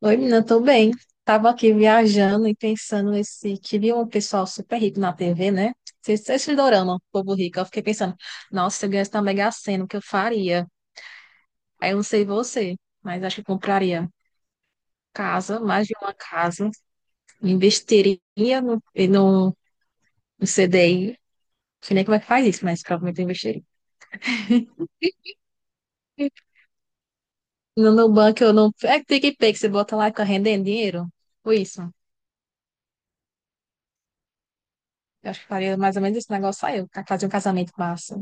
Oi, menina, tô bem. Tava aqui viajando e pensando nesse que vi um pessoal super rico na TV, né? Vocês se dorama, o povo rico. Eu fiquei pensando, nossa, se eu ganhasse na Mega Sena, o que eu faria? Aí eu não sei você, mas acho que eu compraria casa, mais de uma casa, investiria no, no, no CDI. Não sei nem como é que faz isso, mas provavelmente eu investiria. No Nubank eu não. É que PicPay que você bota lá e fica rendendo dinheiro? Foi isso. Eu acho que faria mais ou menos esse negócio aí, eu fazer um casamento massa.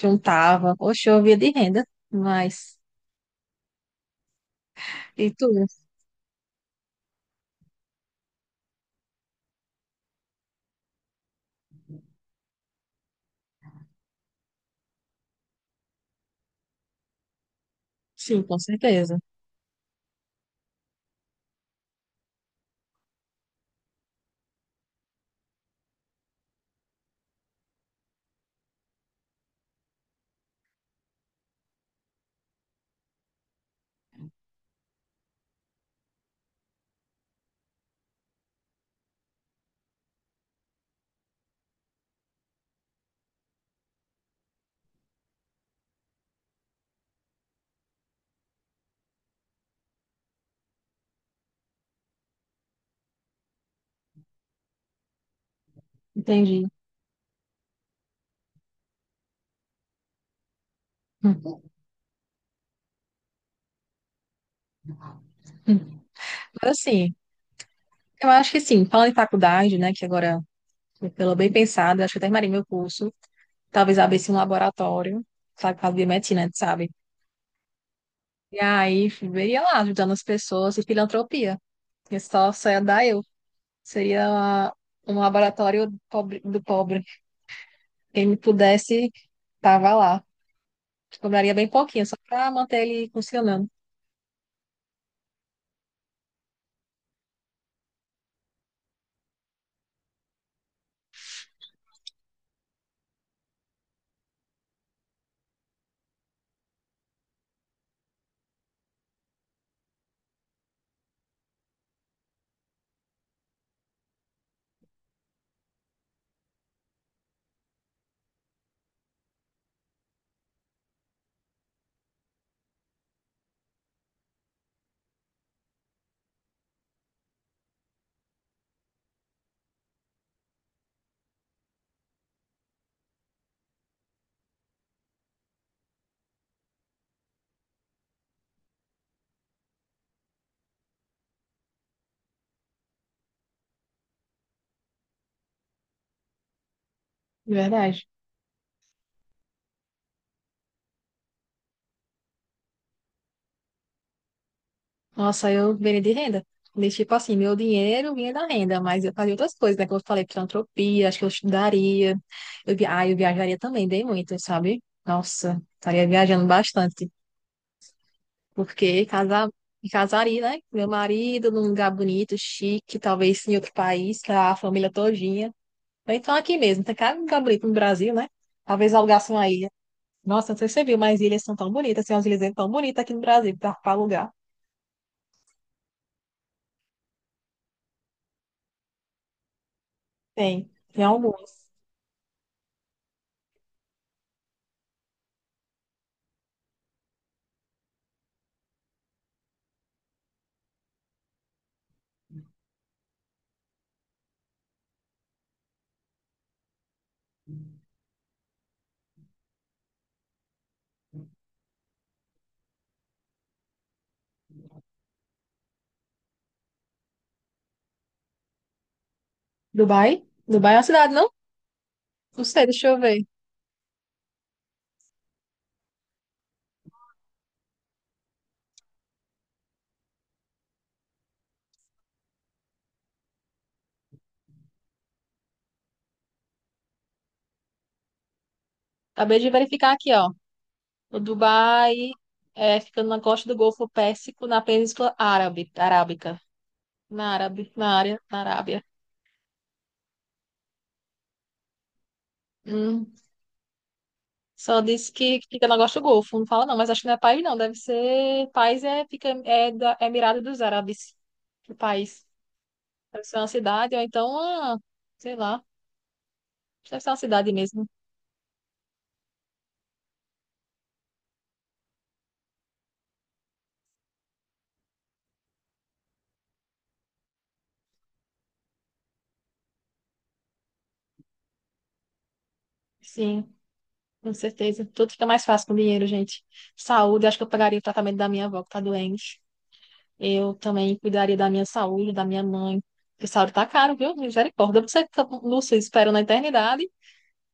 Juntava. Oxe, eu via de renda, mas. E tu? Sim, com certeza. Entendi. Hum. Mas assim, eu acho que sim, falando em faculdade, né, que agora, pelo bem pensado, eu acho que eu terminarei meu curso. Talvez abrisse um laboratório, sabe, para biomedicina, sabe? E aí, veria lá, ajudando as pessoas e filantropia. Que só, só ia dar eu. Seria um laboratório do pobre, do pobre. Quem me pudesse, tava lá. Cobraria bem pouquinho, só para manter ele funcionando. De verdade. Nossa, eu viria de renda. De, tipo assim, meu dinheiro vinha da renda, mas eu fazia outras coisas, né? Como eu falei, filantropia, acho que eu estudaria. Eu, eu viajaria também, bem muito, sabe? Nossa, estaria viajando bastante. Porque casar, me casaria, né? Com meu marido num lugar bonito, chique, talvez em outro país, com a família todinha. Ou então aqui mesmo, tem cada lugar bonito no Brasil, né? Talvez alugasse uma ilha. Nossa, não sei se você viu, mas ilhas são tão bonitas, tem umas ilhas tão bonitas aqui no Brasil para alugar. Tem, tem algumas. Dubai? Dubai é uma cidade, não? Não sei, deixa eu ver. Acabei de verificar aqui, ó. O Dubai é ficando na costa do Golfo Pérsico, na Península Árabe, Arábica. Na Árabe, na área, na Arábia. Hum. Só disse que fica na costa do Golfo, não fala não, mas acho que não é país não, deve ser... País é, fica, é da Emirado dos Árabes, o país. Deve ser uma cidade, ou então, ah, sei lá, deve ser uma cidade mesmo. Sim, com certeza. Tudo fica mais fácil com dinheiro, gente. Saúde, acho que eu pagaria o tratamento da minha avó que tá doente. Eu também cuidaria da minha saúde, da minha mãe. Porque saúde tá caro, viu? Misericórdia. Ou você fica, Lúcia, espera na eternidade,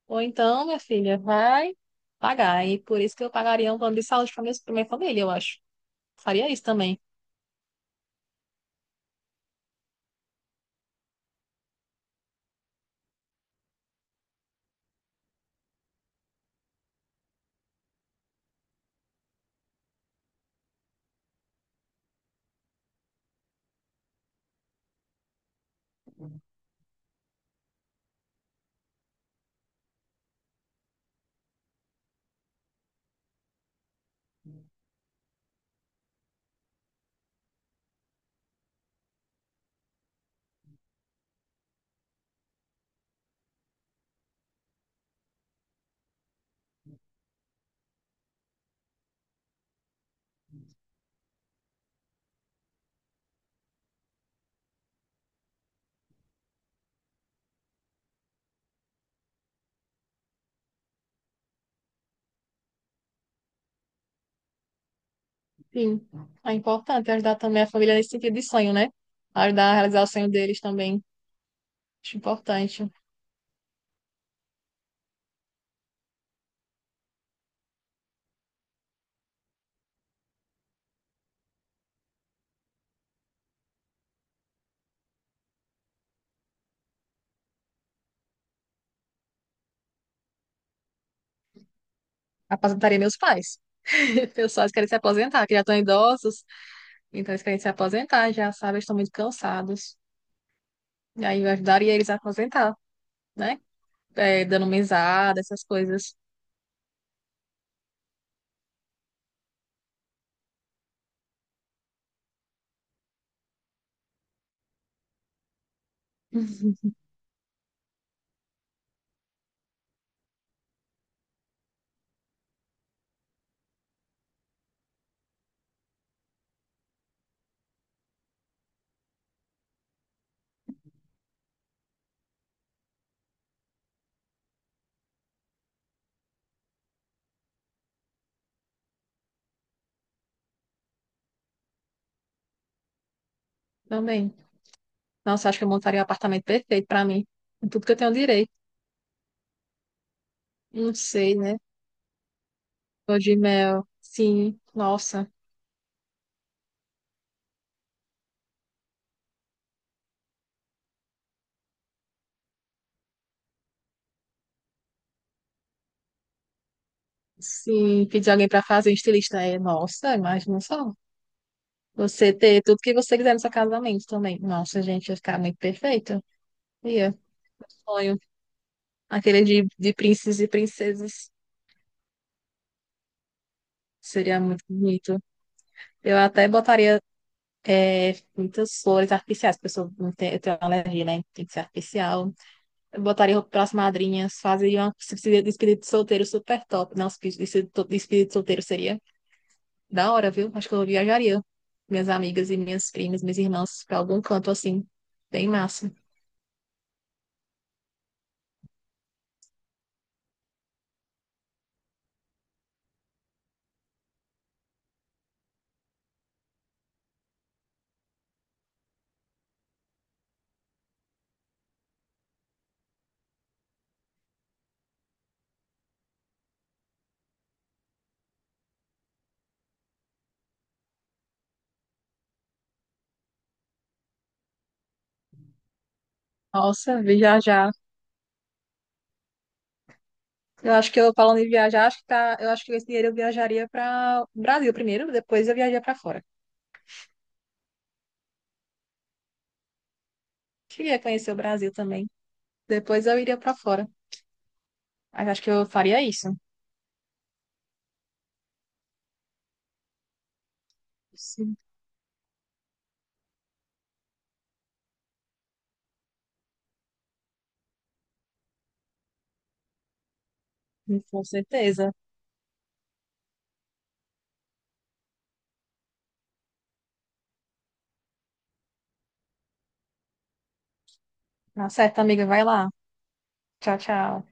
ou então, minha filha, vai pagar. E por isso que eu pagaria um plano de saúde para pra minha família, eu acho. Faria isso também. Sim, é importante ajudar também a família nesse sentido de sonho, né? Ajudar a realizar o sonho deles também. Acho importante. Aposentaria meus pais. Meus pais querem se aposentar, que já estão idosos, então eles querem se aposentar, já sabem, eles estão muito cansados. E aí eu ajudaria eles a aposentar, né? É, dando mesada, essas coisas. Também. Nossa, acho que eu montaria um apartamento perfeito pra mim. Com tudo que eu tenho direito. Não sei, né? Lua de mel. Sim, nossa. Sim, pedir alguém pra fazer um estilista. É, nossa, imagina só. Você ter tudo que você quiser no seu casamento também. Nossa, gente, ia ficar muito perfeito. Ia, sonho. Aquele de príncipes e princesas. Seria muito bonito. Eu até botaria muitas flores artificiais, porque eu, sou, não tenho- eu tenho uma alergia, né? Tem que ser artificial. Eu botaria roupa para as madrinhas, fazeria uma se precisa de espírito solteiro super top. Não, se precisa de espírito solteiro seria da hora, viu? Acho que eu viajaria. Minhas amigas e minhas primas, minhas irmãs, para algum canto assim. Bem massa. Nossa, viajar. Eu acho que eu falando em viajar, acho que tá, eu acho que esse dinheiro eu viajaria para o Brasil primeiro, depois eu viajaria para fora. Queria conhecer o Brasil também. Depois eu iria para fora. Mas acho que eu faria isso. Sim, com certeza. Tá certo, amiga, vai lá. Tchau, tchau.